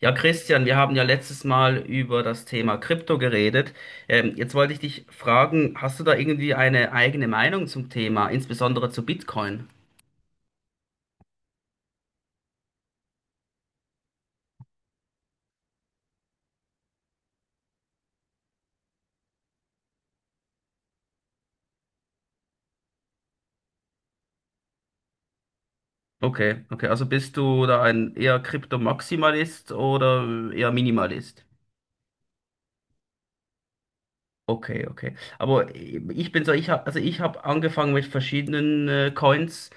Ja, Christian, wir haben ja letztes Mal über das Thema Krypto geredet. Jetzt wollte ich dich fragen, hast du da irgendwie eine eigene Meinung zum Thema, insbesondere zu Bitcoin? Okay, okay, also bist du da ein eher Krypto-Maximalist oder eher Minimalist? Okay, okay. Aber ich bin so, also ich habe angefangen mit verschiedenen Coins,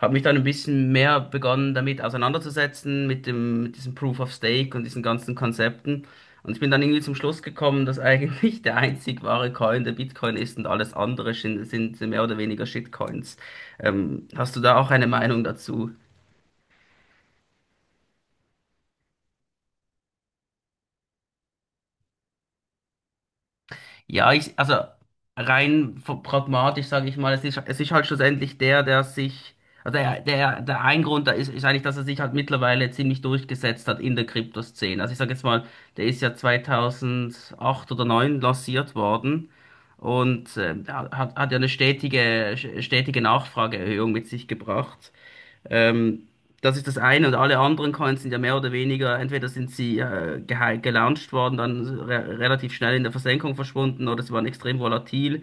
habe mich dann ein bisschen mehr begonnen damit auseinanderzusetzen mit diesem Proof of Stake und diesen ganzen Konzepten. Und ich bin dann irgendwie zum Schluss gekommen, dass eigentlich der einzig wahre Coin der Bitcoin ist und alles andere sind mehr oder weniger Shitcoins. Hast du da auch eine Meinung dazu? Also rein pragmatisch sage ich mal, es ist halt schlussendlich der, der sich, also der, der, der ein Grund da ist, ist eigentlich, dass er sich halt mittlerweile ziemlich durchgesetzt hat in der Kryptoszene. Also ich sage jetzt mal, der ist ja 2008 oder neun lanciert worden und hat ja eine stetige Nachfrageerhöhung mit sich gebracht. Ähm, das ist das eine, und alle anderen Coins sind ja mehr oder weniger, entweder sind sie gelauncht worden, dann re relativ schnell in der Versenkung verschwunden, oder sie waren extrem volatil.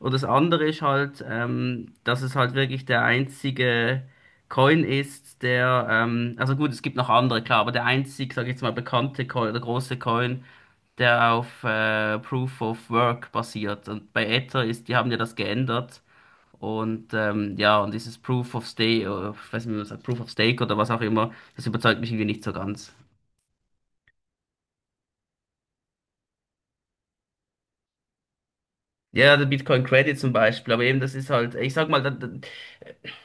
Und das andere ist halt, dass es halt wirklich der einzige Coin ist, also gut, es gibt noch andere, klar, aber sag ich jetzt mal, bekannte Coin, der große Coin, der auf Proof of Work basiert. Und bei Ether ist, die haben ja das geändert, und und dieses Proof of Stake, oder ich weiß nicht, wie man sagt, Proof of Stake oder was auch immer, das überzeugt mich irgendwie nicht so ganz. Ja, der Bitcoin Credit zum Beispiel, aber eben das ist halt, ich sag mal,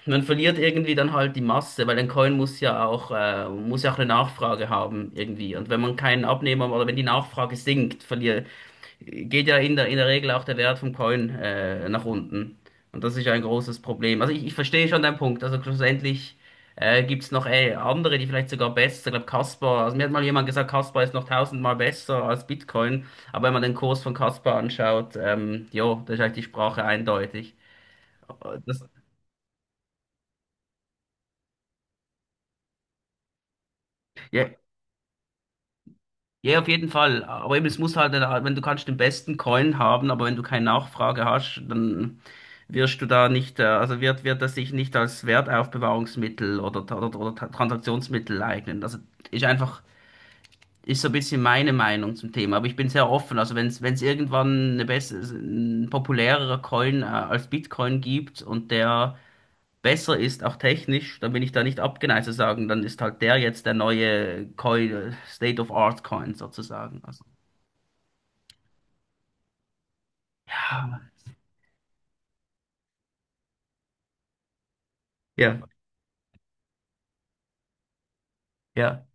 man verliert irgendwie dann halt die Masse, weil ein Coin muss ja auch eine Nachfrage haben irgendwie. Und wenn man keinen Abnehmer, oder wenn die Nachfrage sinkt, geht ja in der Regel auch der Wert vom Coin nach unten. Und das ist ja ein großes Problem. Ich verstehe schon deinen Punkt. Also schlussendlich gibt es noch andere, die vielleicht sogar besser, ich glaube Caspar, also mir hat mal jemand gesagt, Caspar ist noch tausendmal besser als Bitcoin. Aber wenn man den Kurs von Caspar anschaut, jo, da ist eigentlich die Sprache eindeutig. Das, ja. Ja, auf jeden Fall. Aber eben, es muss halt, wenn du kannst den besten Coin haben, aber wenn du keine Nachfrage hast, dann wirst du da nicht, wird das sich nicht als Wertaufbewahrungsmittel oder Transaktionsmittel eignen. Ist einfach, ist so ein bisschen meine Meinung zum Thema. Aber ich bin sehr offen. Also wenn es irgendwann eine bessere, ein populärerer Coin, als Bitcoin gibt, und der besser ist, auch technisch, dann bin ich da nicht abgeneigt zu sagen, dann ist halt der jetzt der neue Coin, State of Art Coin sozusagen. Also, ja, ja, ja.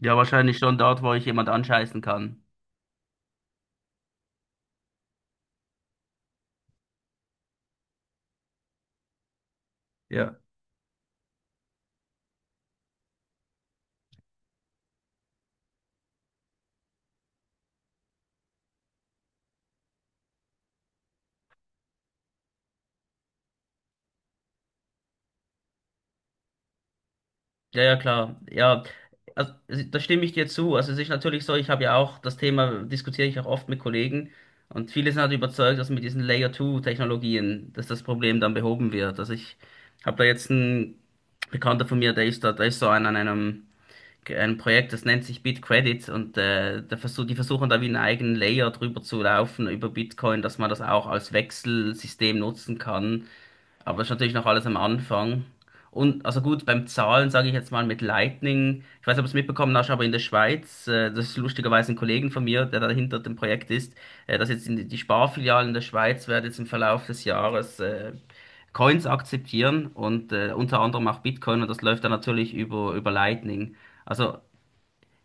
Ja, wahrscheinlich schon dort, wo ich jemand anscheißen kann. Ja. Ja, ja, klar. Ja, also, da stimme ich dir zu. Also es ist natürlich so, ich habe ja auch das Thema, diskutiere ich auch oft mit Kollegen, und viele sind halt überzeugt, dass mit diesen Layer-2-Technologien, dass das Problem dann behoben wird. Also ich habe da jetzt einen Bekannter von mir, der ist so an einem ein Projekt, das nennt sich BitCredits, und die versuchen da wie einen eigenen Layer drüber zu laufen über Bitcoin, dass man das auch als Wechselsystem nutzen kann. Aber das ist natürlich noch alles am Anfang. Und also gut, beim Zahlen sage ich jetzt mal mit Lightning, ich weiß nicht, ob du es mitbekommen hast, aber in der Schweiz, das ist lustigerweise ein Kollegen von mir, der dahinter dem Projekt ist, dass jetzt die Sparfilialen der Schweiz werden jetzt im Verlauf des Jahres Coins akzeptieren und unter anderem auch Bitcoin, und das läuft dann natürlich über Lightning. Also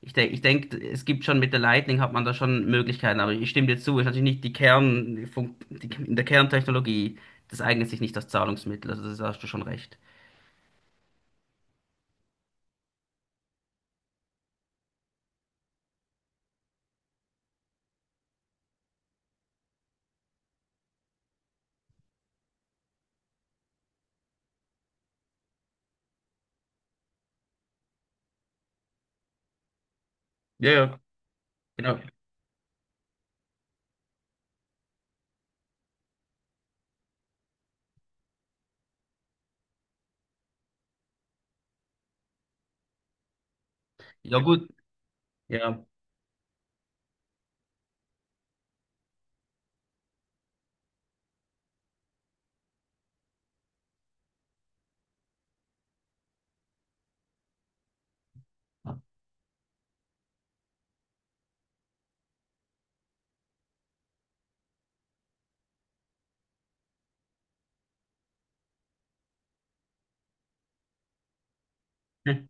ich denk, es gibt schon mit der Lightning hat man da schon Möglichkeiten, aber ich stimme dir zu, ist natürlich nicht die Kern, die, in der Kerntechnologie, das eignet sich nicht als Zahlungsmittel, also das hast du schon recht. Ja, ja. Genau. Ja, gut. Ja. Hm.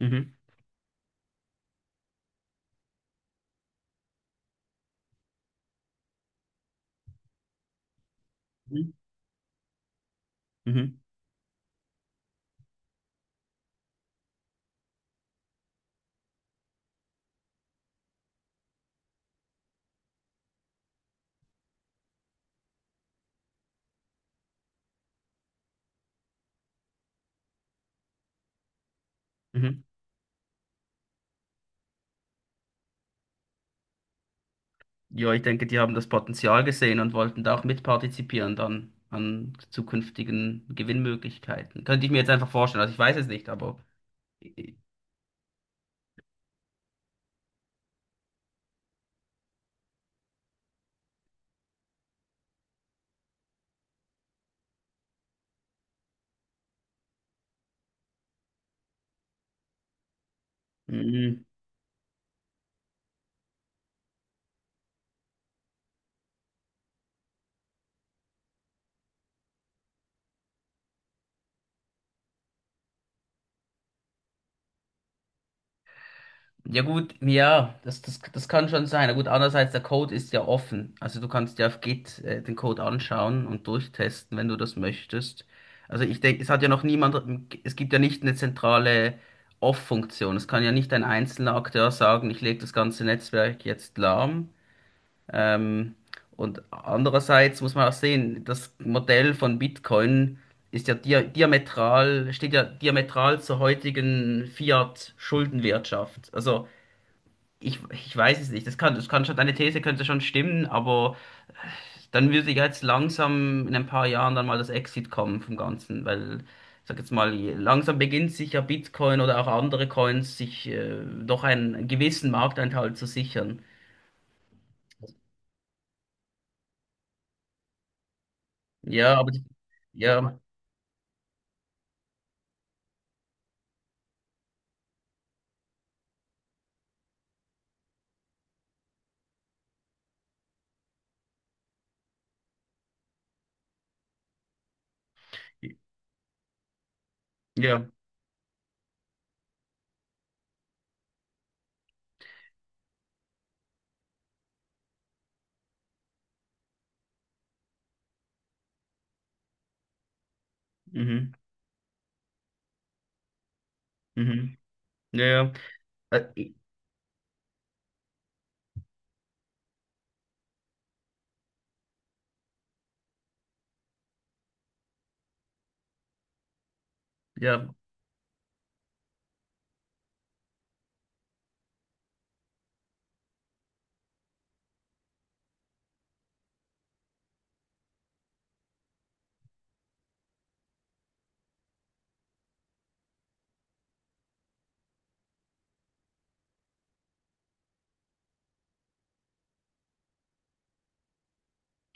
Mhm. Mhm. Mhm. Mhm. Ja, ich denke, die haben das Potenzial gesehen und wollten da auch mitpartizipieren dann an zukünftigen Gewinnmöglichkeiten. Könnte ich mir jetzt einfach vorstellen. Also ich weiß es nicht, aber. Mhm. Ja gut, ja, das kann schon sein. Na gut, andererseits, der Code ist ja offen. Also du kannst dir auf Git den Code anschauen und durchtesten, wenn du das möchtest. Also ich denke, es hat ja noch niemand, es gibt ja nicht eine zentrale Off-Funktion. Es kann ja nicht ein einzelner Akteur sagen, ich lege das ganze Netzwerk jetzt lahm. Ähm, und andererseits muss man auch sehen, das Modell von Bitcoin ist ja diametral, steht ja diametral zur heutigen Fiat-Schuldenwirtschaft. Ich weiß es nicht. Das kann schon, deine These könnte schon stimmen, aber dann würde ja jetzt langsam in ein paar Jahren dann mal das Exit kommen vom Ganzen, weil, ich sag jetzt mal, langsam beginnt sich ja Bitcoin oder auch andere Coins sich doch einen gewissen Markteinteil zu sichern. Ja, aber die- ja, ja, mhm, mhm, ja, ja. Äh, ja,